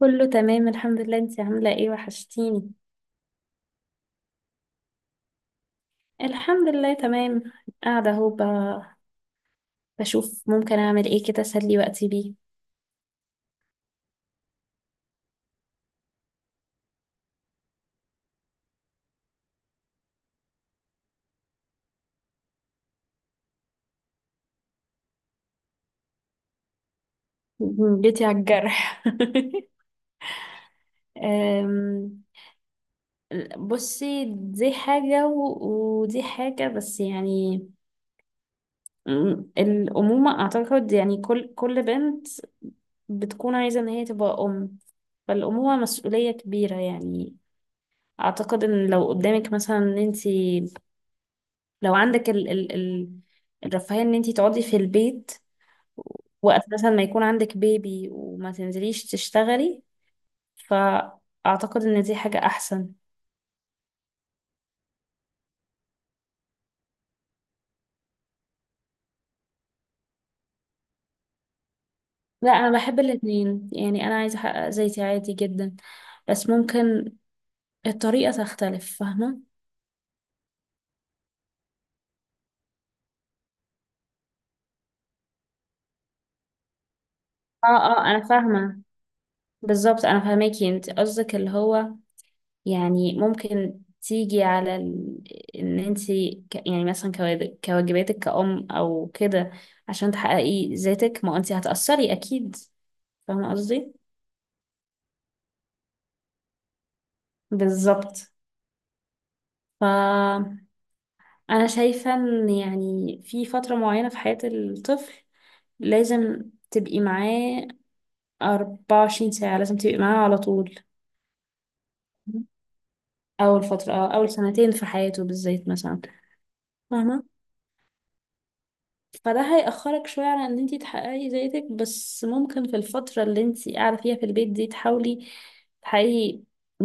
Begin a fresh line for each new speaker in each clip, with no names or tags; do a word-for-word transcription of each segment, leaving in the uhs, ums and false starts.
كله تمام الحمد لله، انتي عاملة ايه؟ وحشتيني. الحمد لله تمام. قاعدة اهو ب... بشوف ممكن اعمل ايه كده، اسلي وقتي بيه. جيتي على الجرح. أم، بصي دي حاجة و... ودي حاجة، بس يعني أم، الأمومة أعتقد يعني كل كل بنت بتكون عايزة إن هي تبقى أم. فالأمومة مسؤولية كبيرة يعني. أعتقد إن لو قدامك مثلا إن أنت لو عندك ال ال ال الرفاهية ان انتي تقعدي في البيت، وقت مثلا ما يكون عندك بيبي وما تنزليش تشتغلي، فأعتقد ان دي حاجة احسن. لا انا بحب الاتنين، يعني انا عايزة احقق ذاتي عادي جدا، بس ممكن الطريقة تختلف، فاهمة؟ اه اه انا فاهمة. بالظبط انا فاهماكي، انت قصدك اللي هو يعني ممكن تيجي على ال... ان انت ك... يعني مثلا كواجب- كواجباتك كأم او كده، عشان تحققي ذاتك ما انت هتأثري اكيد. فاهمة قصدي؟ بالظبط. ف انا شايفة ان يعني في فترة معينة في حياة الطفل لازم تبقي معاه أربعة وعشرين ساعة، لازم تبقي معاه على طول. اول فترة أو اول سنتين في حياته بالذات مثلا. فاهمة. فده هيأخرك شوية على ان انتي تحققي ذاتك، بس ممكن في الفترة اللي انتي قاعدة فيها في البيت دي تحاولي تحققي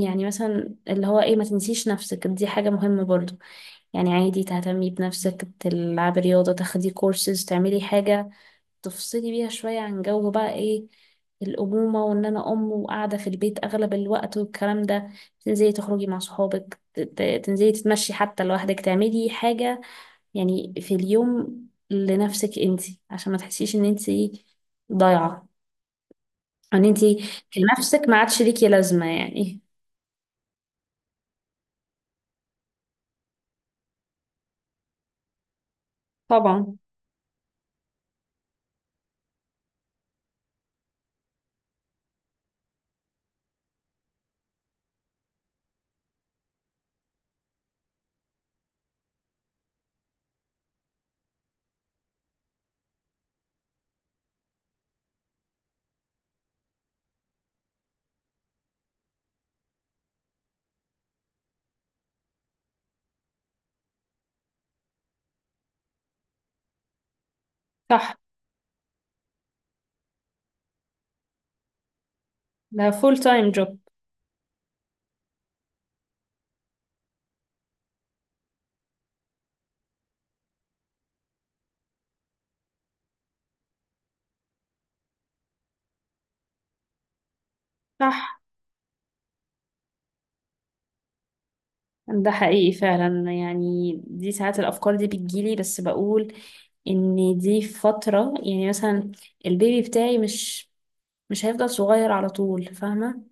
يعني مثلا اللي هو ايه، ما تنسيش نفسك، دي حاجة مهمة برضو. يعني عادي تهتمي بنفسك، تلعبي رياضة، تاخدي كورسز، تعملي حاجة تفصلي بيها شوية عن جو بقى ايه الأمومة وإن أنا أم وقاعدة في البيت أغلب الوقت والكلام ده. تنزلي تخرجي مع صحابك، ت- ت- تنزلي تتمشي حتى لوحدك، تعملي حاجة يعني في اليوم لنفسك انتي، عشان ما تحسيش ان انتي ضايعة، ان انتي كنفسك ما عادش ليكي لازمة يعني. طبعا. صح. ده فول تايم جوب. صح. ده حقيقي فعلا، يعني دي ساعات الافكار دي بتجيلي، بس بقول ان دي فترة يعني مثلا البيبي بتاعي مش مش هيفضل صغير على طول، فاهمة؟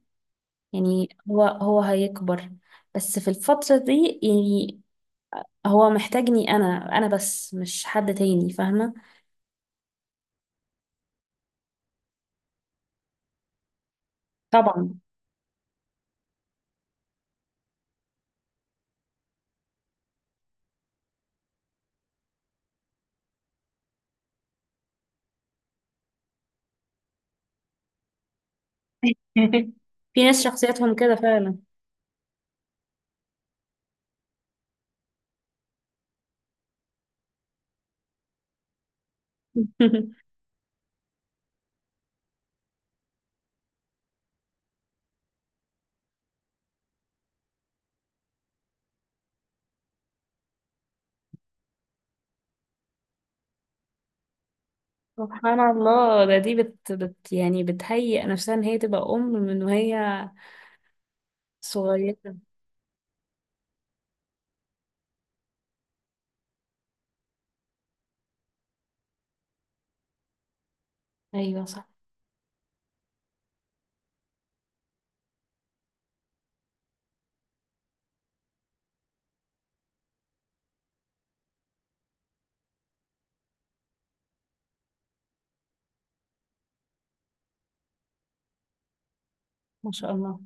يعني هو هو هيكبر، بس في الفترة دي يعني هو محتاجني انا انا بس، مش حد تاني، فاهمة؟ طبعا. في ناس شخصياتهم كده فعلا. سبحان الله. ده دي بت, بت يعني بتهيئ نفسها ان هي تبقى ام من وهي صغيرة. ايوه صح. ما شاء الله.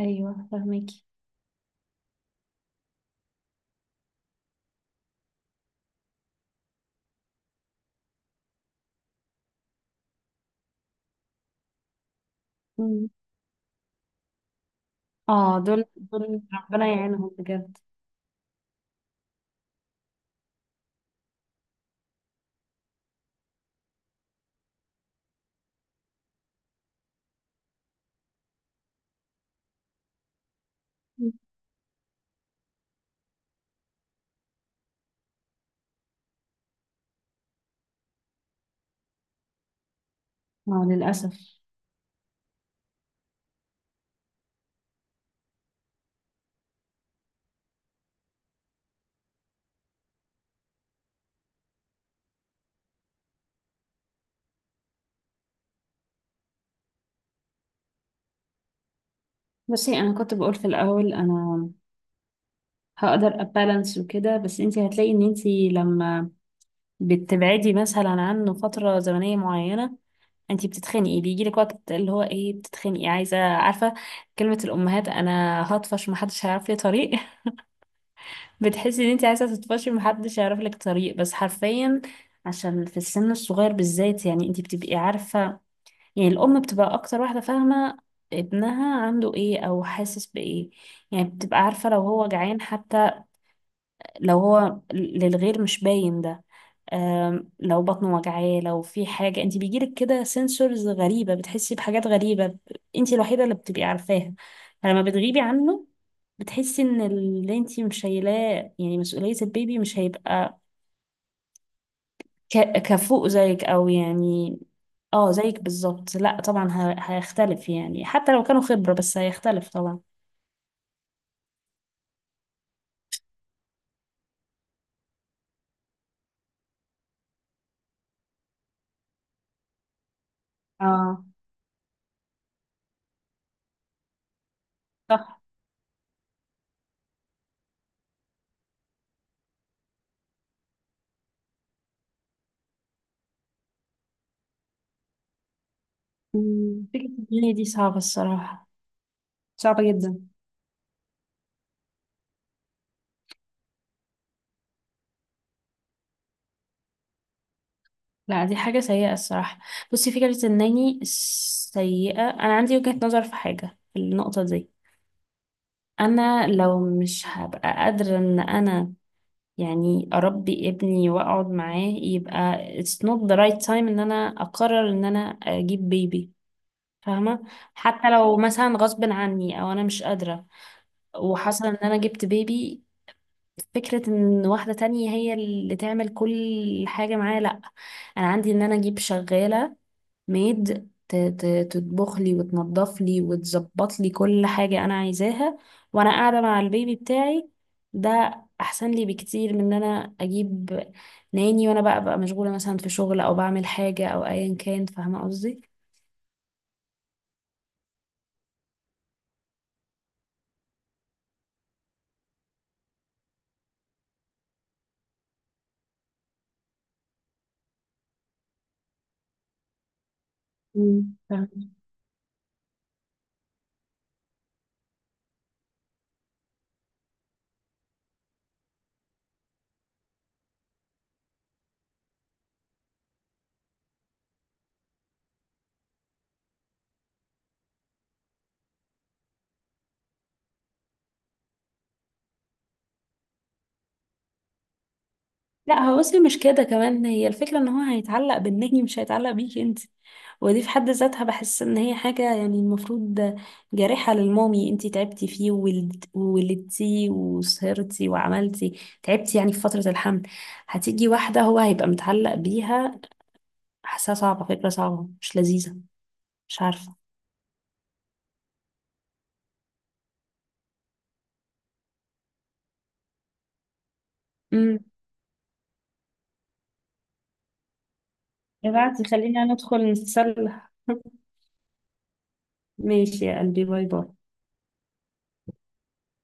ايوه فاهميكي. مم. اه دول دول ربنا يعينهم بجد. مم. اه للاسف. بصي انا كنت بقول في الاول انا هقدر ابالانس وكده، بس انتي هتلاقي ان انتي لما بتبعدي مثلا عنه فترة زمنية معينة انتي بتتخنقي، بيجيلك وقت اللي هو ايه، بتتخنقي، عايزة، عارفة كلمة الأمهات أنا هطفش محدش هيعرف لي طريق؟ بتحسي إن انتي عايزة تطفشي محدش هيعرف لك طريق، بس حرفيا. عشان في السن الصغير بالذات يعني انتي بتبقي عارفة، يعني الأم بتبقى أكتر واحدة فاهمة ابنها عنده ايه أو حاسس بإيه. يعني بتبقى عارفة لو هو جعان حتى، لو هو للغير مش باين ده. آم، لو بطنه وجعاه، لو في حاجة انت بيجيلك كده سنسورز غريبة، بتحسي بحاجات غريبة انت الوحيدة اللي بتبقي عارفاها. فلما بتغيبي عنه بتحسي ان اللي انت مش شايلاه يعني مسؤولية البيبي مش هيبقى ك- كفوق زيك او يعني. اه زيك بالظبط، لا طبعا ه- هيختلف، يعني حتى لو كانوا خبرة بس هيختلف طبعا. اه صح. مم. فكرة الدنيا دي صعبة الصراحة، صعبة جدا. لا دي حاجة سيئة الصراحة. بصي فكرة الناني سيئة، أنا عندي وجهة نظر في حاجة في النقطة دي. أنا لو مش هبقى قادرة إن أنا يعني أربي ابني وأقعد معاه، يبقى it's not the right time إن أنا أقرر إن أنا أجيب بيبي، فاهمة؟ حتى لو مثلا غصب عني أو أنا مش قادرة وحصل إن أنا جبت بيبي، فكرة إن واحدة تانية هي اللي تعمل كل حاجة معايا، لأ. أنا عندي إن أنا أجيب شغالة ميد ت- ت- تطبخ لي وتنظف لي وتظبط لي كل حاجة أنا عايزاها، وأنا قاعدة مع البيبي بتاعي. ده أحسن لي بكتير من إن أنا أجيب ناني وأنا بقى بقى مشغولة مثلا في شغل أو بعمل حاجة أو أيا كان. فاهمة قصدي؟ مم. لا هو بصي مش كده، كمان هي الفكرة ان هو هيتعلق بالنجم، مش هيتعلق بيكي انت، ودي في حد ذاتها بحس ان هي حاجة يعني المفروض جارحة للمامي. انت تعبتي فيه وولد- وولدتي وسهرتي وعملتي، تعبتي يعني في فترة الحمل، هتيجي واحدة هو هيبقى متعلق بيها. حاسة صعبة، فكرة صعبة مش لذيذة، مش عارفة. امم ابعتي خلينا ندخل نتسلى. ماشي يا قلبي، باي باي.